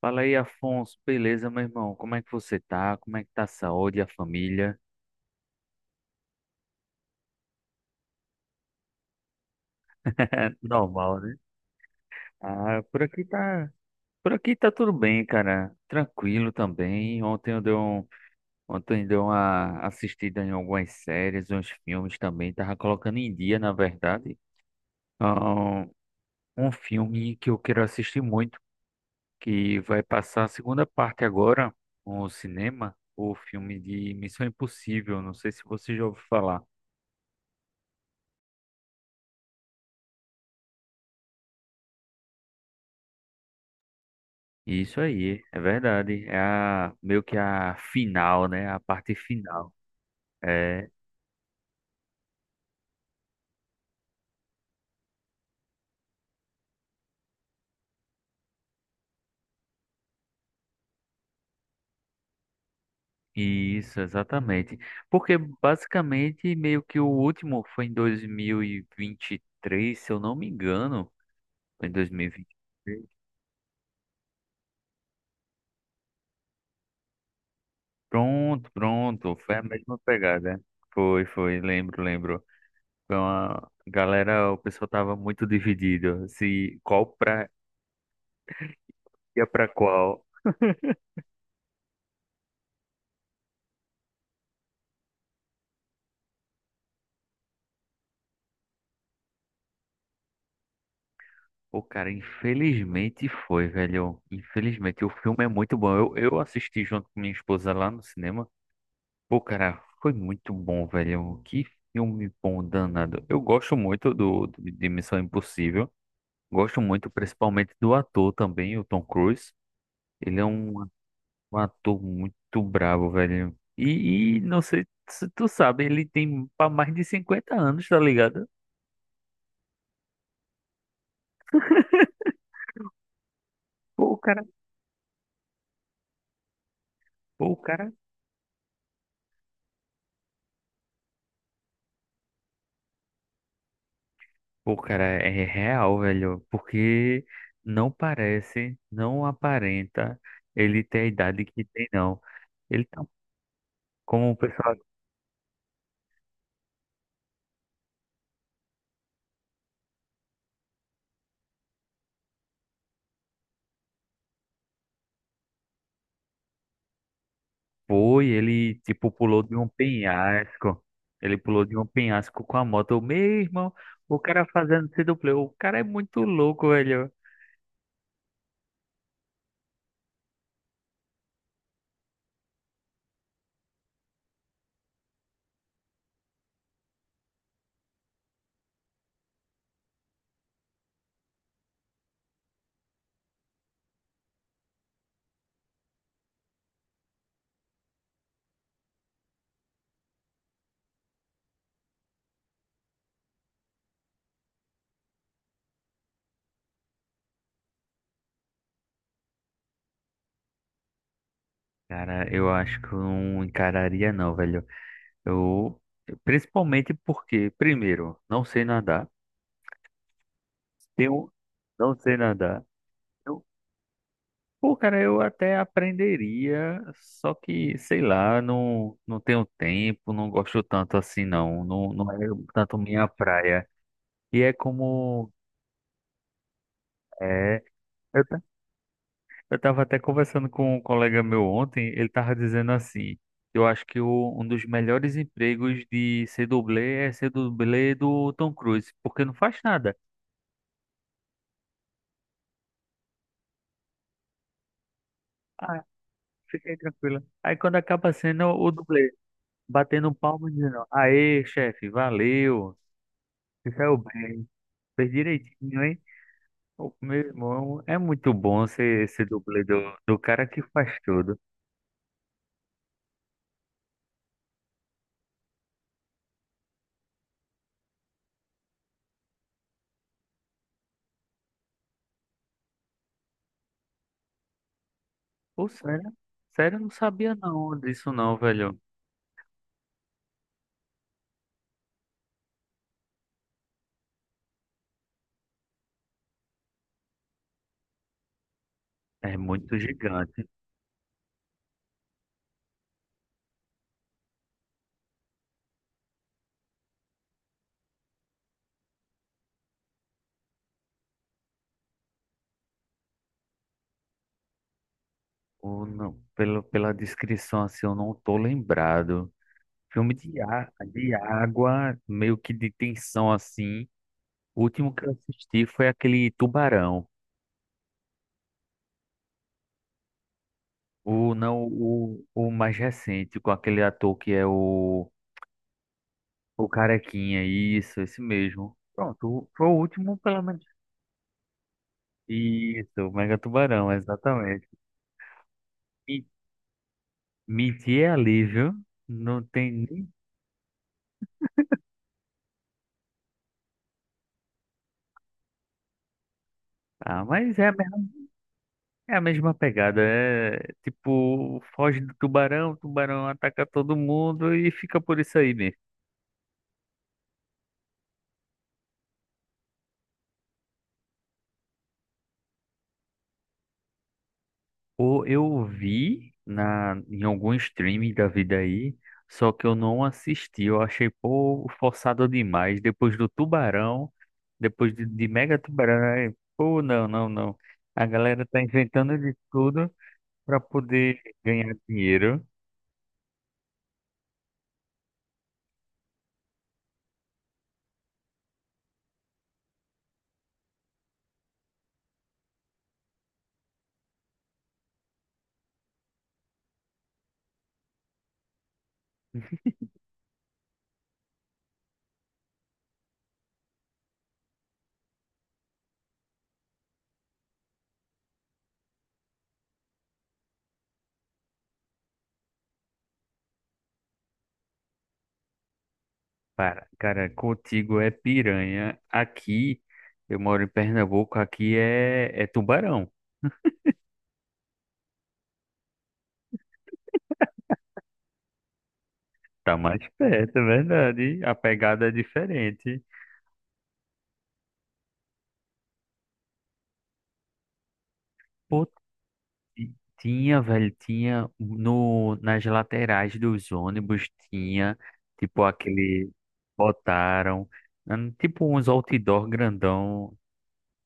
Fala aí, Afonso. Beleza, meu irmão? Como é que você tá? Como é que tá a saúde, a família? Normal, né? Por aqui tá, por aqui tá tudo bem, cara. Tranquilo também. Ontem eu dei uma assistida em algumas séries, uns filmes também. Tava colocando em dia, na verdade. Ah, um filme que eu quero assistir muito, que vai passar a segunda parte agora no cinema, o filme de Missão Impossível. Não sei se você já ouviu falar. Isso aí, é verdade. Meio que a final, né? A parte final. É, isso, exatamente. Porque basicamente, meio que o último foi em dois mil e vinte e três, se eu não me engano. Foi em dois mil e vinte e três. Pronto, pronto. Foi a mesma pegada. Foi, foi, lembro, lembro. Foi uma galera, o pessoal tava muito dividido. Se qual pra, ia pra qual. Pô, cara, infelizmente foi, velho. Infelizmente, o filme é muito bom. Eu assisti junto com minha esposa lá no cinema. Pô, cara, foi muito bom, velho. Que filme bom, danado. Eu gosto muito de Missão Impossível. Gosto muito, principalmente do ator também, o Tom Cruise. Ele é um, um ator muito brabo, velho. E não sei se tu sabe, ele tem mais de 50 anos, tá ligado? Pô, o cara, pô, o cara Pô, cara, é real, velho, porque não parece, não aparenta ele ter a idade que tem, não. Ele tá, como o pessoal Foi, ele, tipo, pulou de um penhasco. Ele pulou de um penhasco com a moto. Meu irmão, o cara fazendo C-Play, o cara é muito louco, velho. Cara, eu acho que eu não encararia, não, velho. Eu, principalmente porque, primeiro, não sei nadar. Tenho, não sei nadar. Pô, cara, eu até aprenderia, só que, sei lá, não, não tenho tempo, não gosto tanto assim, não. Não, não é tanto minha praia. E é como. É, eu, ta- eu tava até conversando com um colega meu ontem, ele tava dizendo assim: eu acho que um dos melhores empregos de ser dublê é ser dublê do Tom Cruise, porque não faz nada. Ah, fica aí tranquilo. Aí quando acaba sendo o dublê, batendo palma e dizendo: aê, chefe, valeu, se saiu bem. Fez direitinho, hein? O meu irmão é muito bom ser esse dublê do cara que faz tudo. Pô, sério? Sério, eu não sabia não disso não, velho. É muito gigante. Ou não, pelo, pela descrição, assim, eu não tô lembrado. Filme de, de água, meio que de tensão, assim. O último que eu assisti foi aquele Tubarão. O, não, o mais recente, com aquele ator que é o... O carequinha, isso, esse mesmo. Pronto, foi o último, pelo menos. Isso, o Mega Tubarão, exatamente. Me- Mentir é alívio, não tem nem. Ah, mas é a mesma, é a mesma pegada. É tipo, foge do tubarão, o tubarão ataca todo mundo e fica por isso aí mesmo. Ou eu vi em algum streaming da vida aí, só que eu não assisti. Eu achei, pô, forçado demais. Depois do Tubarão, depois de Mega Tubarão, aí, pô, não, não, não. A galera tá inventando de tudo pra poder ganhar dinheiro. Para, cara, contigo é piranha. Aqui, eu moro em Pernambuco, aqui é tubarão. Tá mais perto, é verdade. A pegada é diferente. E tinha, velho, tinha no, nas laterais dos ônibus, tinha, tipo, aquele, botaram, tipo, uns outdoor grandão.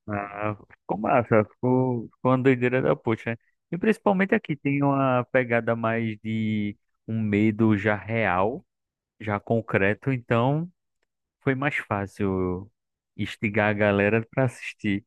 Ah, ficou massa, ficou uma doideira da poxa, né? E principalmente aqui tem uma pegada mais de um medo já real, já concreto, então foi mais fácil instigar a galera para assistir.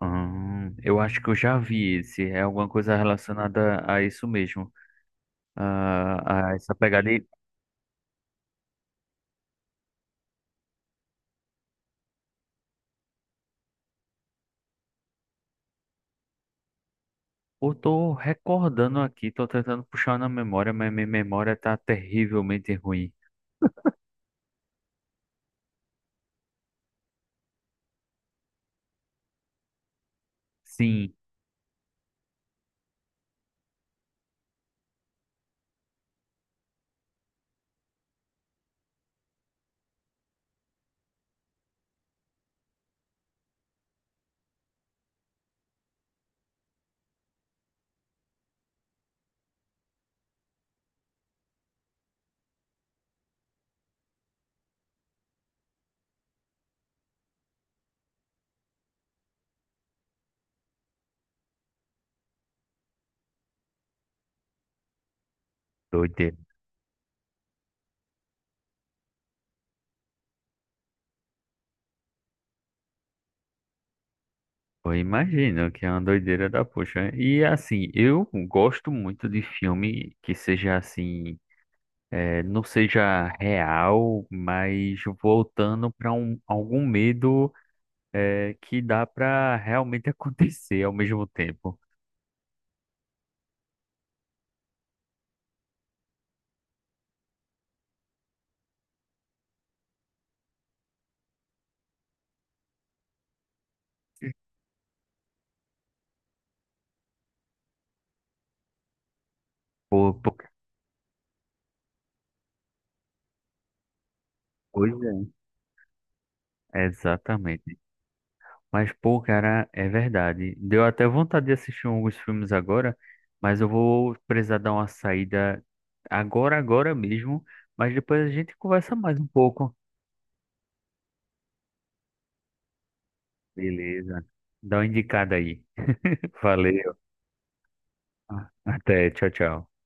Ah, eu acho que eu já vi esse. É alguma coisa relacionada a isso mesmo. Ah, a essa pegada. E eu tô recordando aqui, tô tentando puxar na memória, mas minha memória tá terrivelmente ruim. Sim, doideira. Eu imagino que é uma doideira da poxa, né? E assim, eu gosto muito de filme que seja assim, não seja real, mas voltando para algum medo. É, que dá para realmente acontecer ao mesmo tempo. Por pouca coisa. Exatamente. Mas, pô, cara, é verdade. Deu até vontade de assistir alguns filmes agora, mas eu vou precisar dar uma saída agora, agora mesmo. Mas depois a gente conversa mais um pouco. Beleza. Dá uma indicada aí. Valeu. Até. Tchau, tchau.